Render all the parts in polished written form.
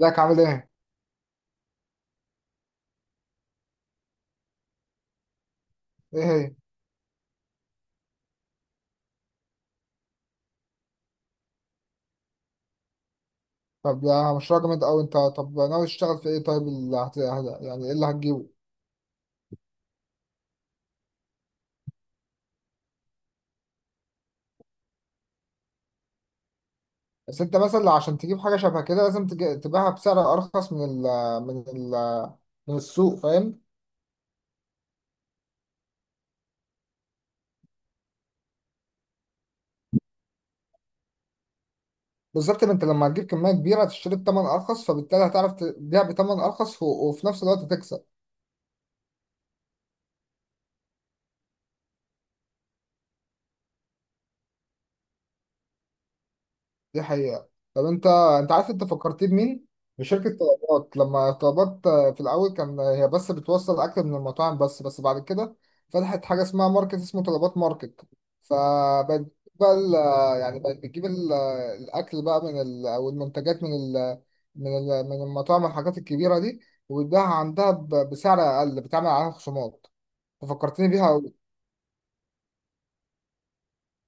ازيك عامل ايه؟ ايه هي؟ طب ده مشروع جامد اوي. انت طب ناوي تشتغل في ايه؟ طيب اللي يعني ايه اللي هتجيبه؟ بس انت مثلا عشان تجيب حاجة شبه كده لازم تبيعها بسعر ارخص من ال... من السوق، فاهم؟ بالظبط. ما انت لما هتجيب كمية كبيرة هتشتري بتمن ارخص، فبالتالي هتعرف تبيع بتمن ارخص، وفي نفس الوقت تكسب. دي حقيقة. طب انت، انت عارف انت فكرتني بمين؟ بشركة طلبات. لما طلبات في الأول كان هي بس بتوصل أكل من المطاعم، بس بعد كده فتحت حاجة اسمها ماركت، اسمه طلبات ماركت. فبقت بقى يعني بقت بتجيب الأكل بقى من ال أو المنتجات من من المطاعم والحاجات الكبيرة دي، وبتبيعها عندها بسعر أقل، بتعمل عليها خصومات. ففكرتني بيها أوي.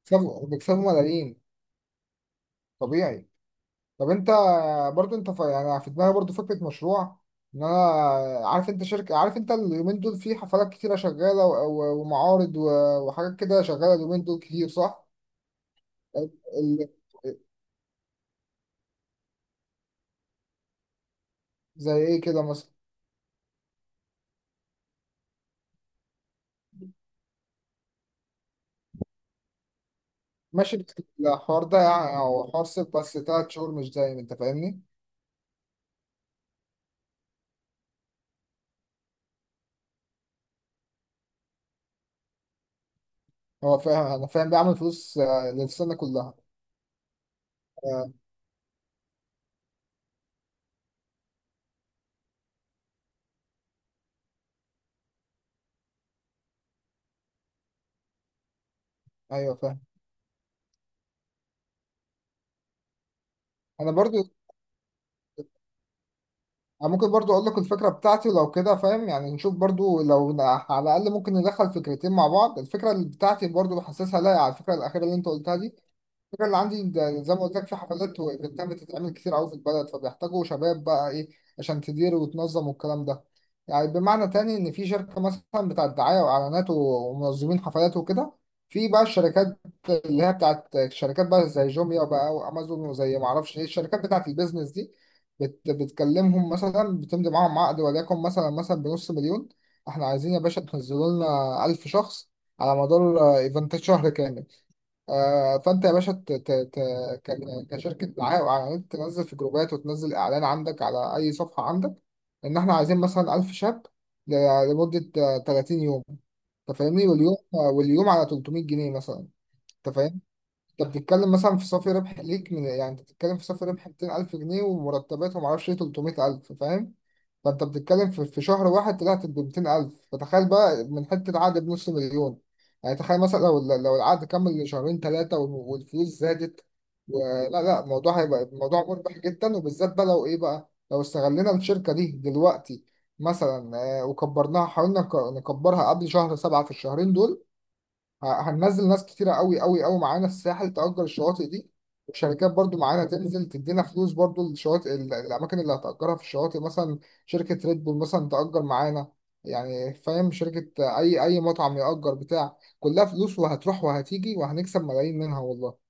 بيكسبوا ملايين، طبيعي. طب انت، برضو انت يعني في دماغي برضو فكره مشروع، ان انا عارف انت شركه، عارف انت اليومين دول في حفلات كتيره شغاله ومعارض وحاجات كده شغاله اليومين دول كتير، صح؟ ال... ال... زي ايه كده مثلا؟ ماشي، بس الحوار ده يعني او حوار صيف، بس تلات شهور مش دايم، انت فاهمني؟ هو فاهم، انا فاهم، بيعمل فلوس للسنه كلها. آه، ايوه فاهم. انا برضو، أنا ممكن برضو أقول لك الفكرة بتاعتي، ولو كده فاهم يعني نشوف برضو لو على الأقل ممكن ندخل فكرتين مع بعض. الفكرة اللي بتاعتي برضو حاسسها لايقة على الفكرة الأخيرة اللي أنت قلتها دي. الفكرة اللي عندي ده، زي ما قلت لك، في حفلات وايفنتات بتتعمل كتير قوي في البلد، فبيحتاجوا شباب بقى ايه عشان تدير وتنظم والكلام ده. يعني بمعنى تاني ان في شركة مثلا بتاعت دعاية واعلانات ومنظمين حفلات وكده، في بقى الشركات اللي هي بتاعت الشركات بقى زي جوميا بقى وامازون وزي ما اعرفش ايه الشركات بتاعت البيزنس دي، بتكلمهم مثلا، بتمضي معاهم عقد، وليكن مثلا بنص مليون. احنا عايزين يا باشا تنزلوا لنا 1000 شخص على مدار ايفنتات شهر كامل. فانت يا باشا كشركه دعايه واعلانات تنزل في جروبات، وتنزل اعلان عندك على اي صفحه عندك ان احنا عايزين مثلا 1000 شاب لمده 30 يوم. انت فاهمني؟ واليوم واليوم على 300 جنيه مثلا. انت فاهم؟ انت بتتكلم مثلا في صافي ربح ليك من، يعني انت بتتكلم في صافي ربح 200,000 جنيه، ومرتبات وما اعرفش ايه 300,000، فاهم؟ فانت بتتكلم في شهر واحد طلعت ب 200,000، فتخيل بقى من حته عقد بنص مليون. يعني تخيل مثلا لو العقد كمل شهرين ثلاثه والفلوس زادت ولا لا، لا، الموضوع هيبقى الموضوع مربح جدا، وبالذات بقى لو ايه بقى لو استغلينا الشركه دي دلوقتي مثلا. وكبرناها، حاولنا نكبرها قبل شهر سبعة في الشهرين دول. هننزل ناس كتيرة قوي قوي قوي معانا الساحل، تأجر الشواطئ دي، وشركات برضو معانا تنزل تدينا فلوس برضو. الشواطئ الأماكن اللي هتأجرها في الشواطئ مثلا شركة ريد بول مثلا تأجر معانا، يعني فاهم، شركة أي مطعم يأجر بتاع، كلها فلوس، وهتروح وهتيجي وهنكسب ملايين منها والله.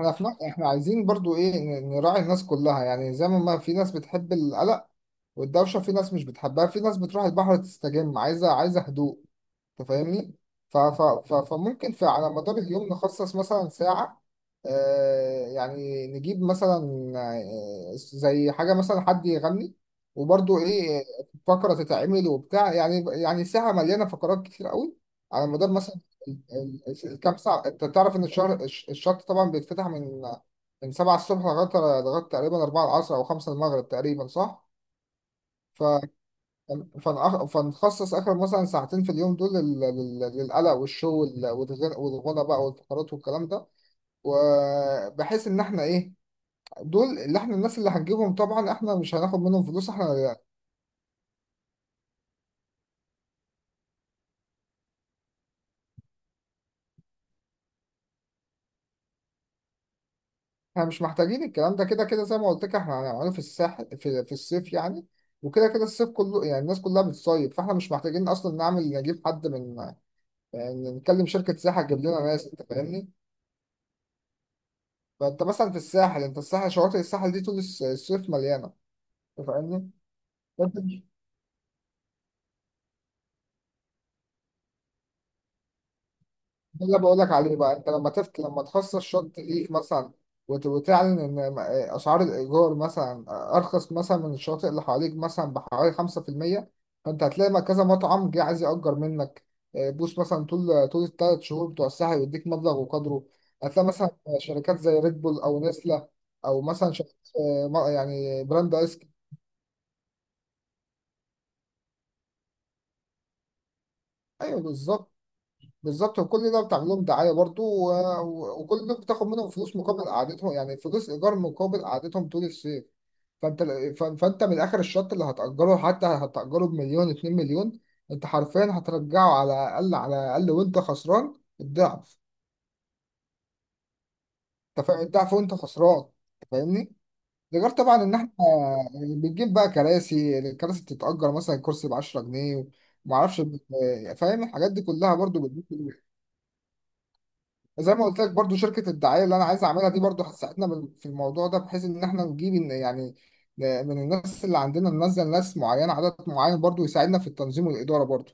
احنا في احنا عايزين برضو ايه، نراعي الناس كلها يعني. زي ما في ناس بتحب القلق والدوشة، في ناس مش بتحبها، في ناس بتروح البحر تستجم عايزة، عايزة هدوء. انت فاهمني؟ فممكن في على مدار اليوم نخصص مثلا ساعة، يعني نجيب مثلا زي حاجة مثلا حد يغني، وبرضو ايه، فقرة تتعمل وبتاع، يعني يعني ساعة مليانة فقرات كتير قوي، على مدار مثلا الكام ساعة. انت تعرف ان الشهر الشط طبعا بيتفتح من، من سبعة الصبح لغاية، لغاية تقريبا أربعة العصر أو خمسة المغرب تقريبا، صح؟ ف فنخصص آخر مثلا ساعتين في اليوم دول للقلق والشو والغنى بقى والفقرات والكلام ده، وبحيث إن إحنا إيه، دول اللي إحنا، الناس اللي هنجيبهم طبعا إحنا مش هناخد منهم فلوس إحنا. إحنا مش محتاجين الكلام ده، كده كده زي ما قلت لك إحنا هنعمله في الساحل في الصيف يعني. وكده كده الصيف كله يعني الناس كلها بتصيف، فإحنا مش محتاجين أصلا نعمل نجيب حد من، يعني نكلم شركة سياحة تجيب لنا ناس. أنت فاهمني؟ فأنت مثلا في الساحل، أنت الساحل، شواطئ الساحل دي طول الصيف مليانة. أنت فاهمني؟ انت، ده اللي بقول لك عليه بقى. انت لما لما تخصص شط ليك مثلا، وتعلن ان اسعار الايجار مثلا ارخص مثلا من الشواطئ اللي حواليك مثلا بحوالي 5%، فانت هتلاقي ما كذا مطعم جه عايز يأجر منك. اه، بوس مثلا طول، طول الثلاث شهور بتوع الساحل يديك مبلغ وقدره. هتلاقي مثلا شركات زي ريد بول او نسلة، او مثلا شركات اه، يعني براند ايس كريم. ايوه بالظبط. بالظبط، وكل ده بتعمل لهم دعايه برضو وكل ده بتاخد منهم فلوس مقابل قعدتهم، يعني فلوس ايجار مقابل قعدتهم طول الصيف. فانت فانت من اخر الشط اللي هتاجره، حتى هتاجره بمليون 2 مليون، انت حرفيا هترجعه على الاقل، على الاقل وانت خسران الضعف. انت فاهم الضعف وانت خسران؟ أنت فاهمني. ده غير طبعا ان احنا بنجيب بقى كراسي. الكراسي بتتاجر مثلا الكرسي ب 10 جنيه، ومعرفش فاهم، الحاجات دي كلها برضو بتجيب. زي ما قلت لك برضو، شركة الدعاية اللي أنا عايز أعملها دي برضو هتساعدنا في الموضوع ده، بحيث إن إحنا نجيب يعني من الناس اللي عندنا ننزل ناس معينة، عدد معين برضو يساعدنا في التنظيم والإدارة برضو.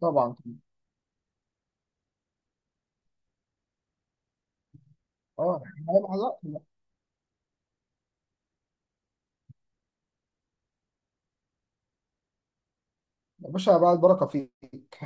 طبعا. أه. لا، يا باشا بقى البركة فيك.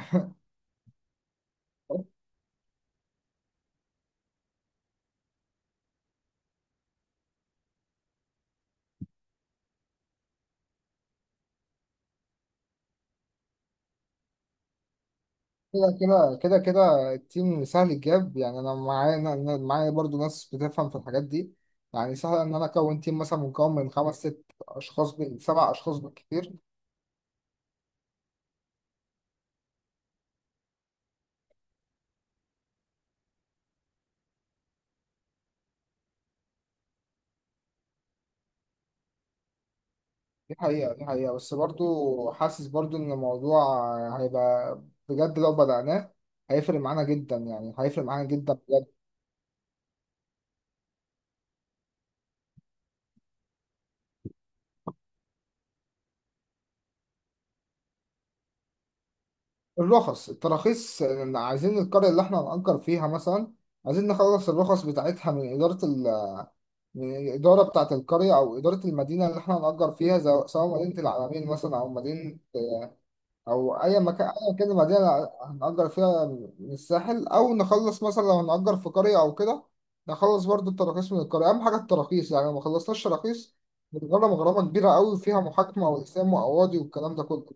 كده كده كده التيم سهل الجاب يعني. أنا معايا، أنا معايا برضو ناس بتفهم في الحاجات دي، يعني سهل إن أنا أكون تيم مثلا مكون من خمس ست أشخاص، سبع أشخاص بالكتير. دي حقيقة، دي حقيقة، بس برضو حاسس برضو إن الموضوع هيبقى، بجد لو بدأناه هيفرق معانا جدا، يعني هيفرق معانا جدا بجد. الرخص، التراخيص، إن عايزين القرية اللي احنا هنأجر فيها مثلا، عايزين نخلص الرخص بتاعتها من من الإدارة بتاعة القرية أو إدارة المدينة اللي احنا هنأجر فيها، سواء مدينة العلمين مثلا أو مدينة، او اي مكان اي كده مدينه هنأجر فيها من الساحل، او نخلص مثلا لو هنأجر في قريه او كده، نخلص برضو التراخيص من القريه. اهم حاجه التراخيص يعني، لو ما خلصناش تراخيص بنغرم غرامه كبيره قوي، فيها محاكمه والحساب وقواضي والكلام ده كله.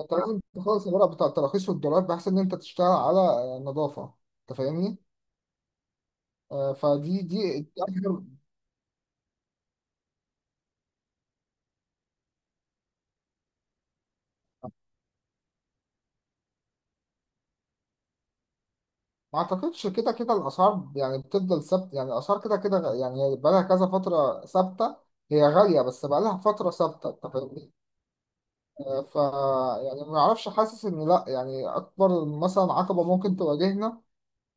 انت لازم تخلص الورق بتاع التراخيص والدولاب، بحيث ان انت تشتغل على نظافه. انت فاهمني؟ فدي، دي دي ما اعتقدش. كده كده الاسعار يعني بتفضل ثابته. يعني الاسعار كده كده يعني هي بقالها كذا فتره ثابته. هي غاليه بس بقالها فتره ثابته، انت فاهمني؟ آه، ف يعني ما اعرفش، حاسس ان لا، يعني اكبر مثلا عقبه ممكن تواجهنا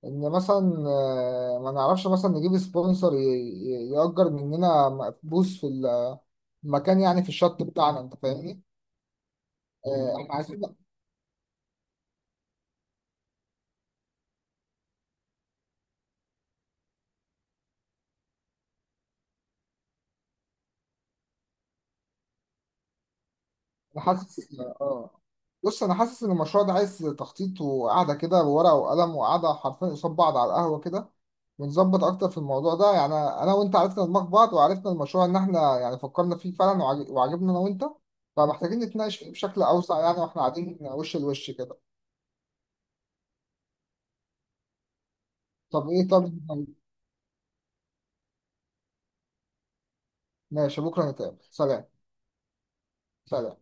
ان مثلا ما نعرفش مثلا نجيب سبونسر يأجر مننا مقبوس في المكان، يعني في الشط بتاعنا. انت فاهمني؟ احنا عايزين، انا حاسس اه. بص انا حاسس ان المشروع ده عايز تخطيط، وقعده كده بورقه وقلم، وقعده حرفيا قصاد بعض على القهوه كده، ونظبط اكتر في الموضوع ده. يعني انا وانت عرفنا دماغ بعض، وعرفنا المشروع ان احنا يعني فكرنا فيه فعلا وعجبنا انا وانت، فمحتاجين نتناقش فيه بشكل اوسع يعني، واحنا قاعدين وش لوش كده. طب ايه، طب ماشي، بكره نتقابل. سلام. سلام.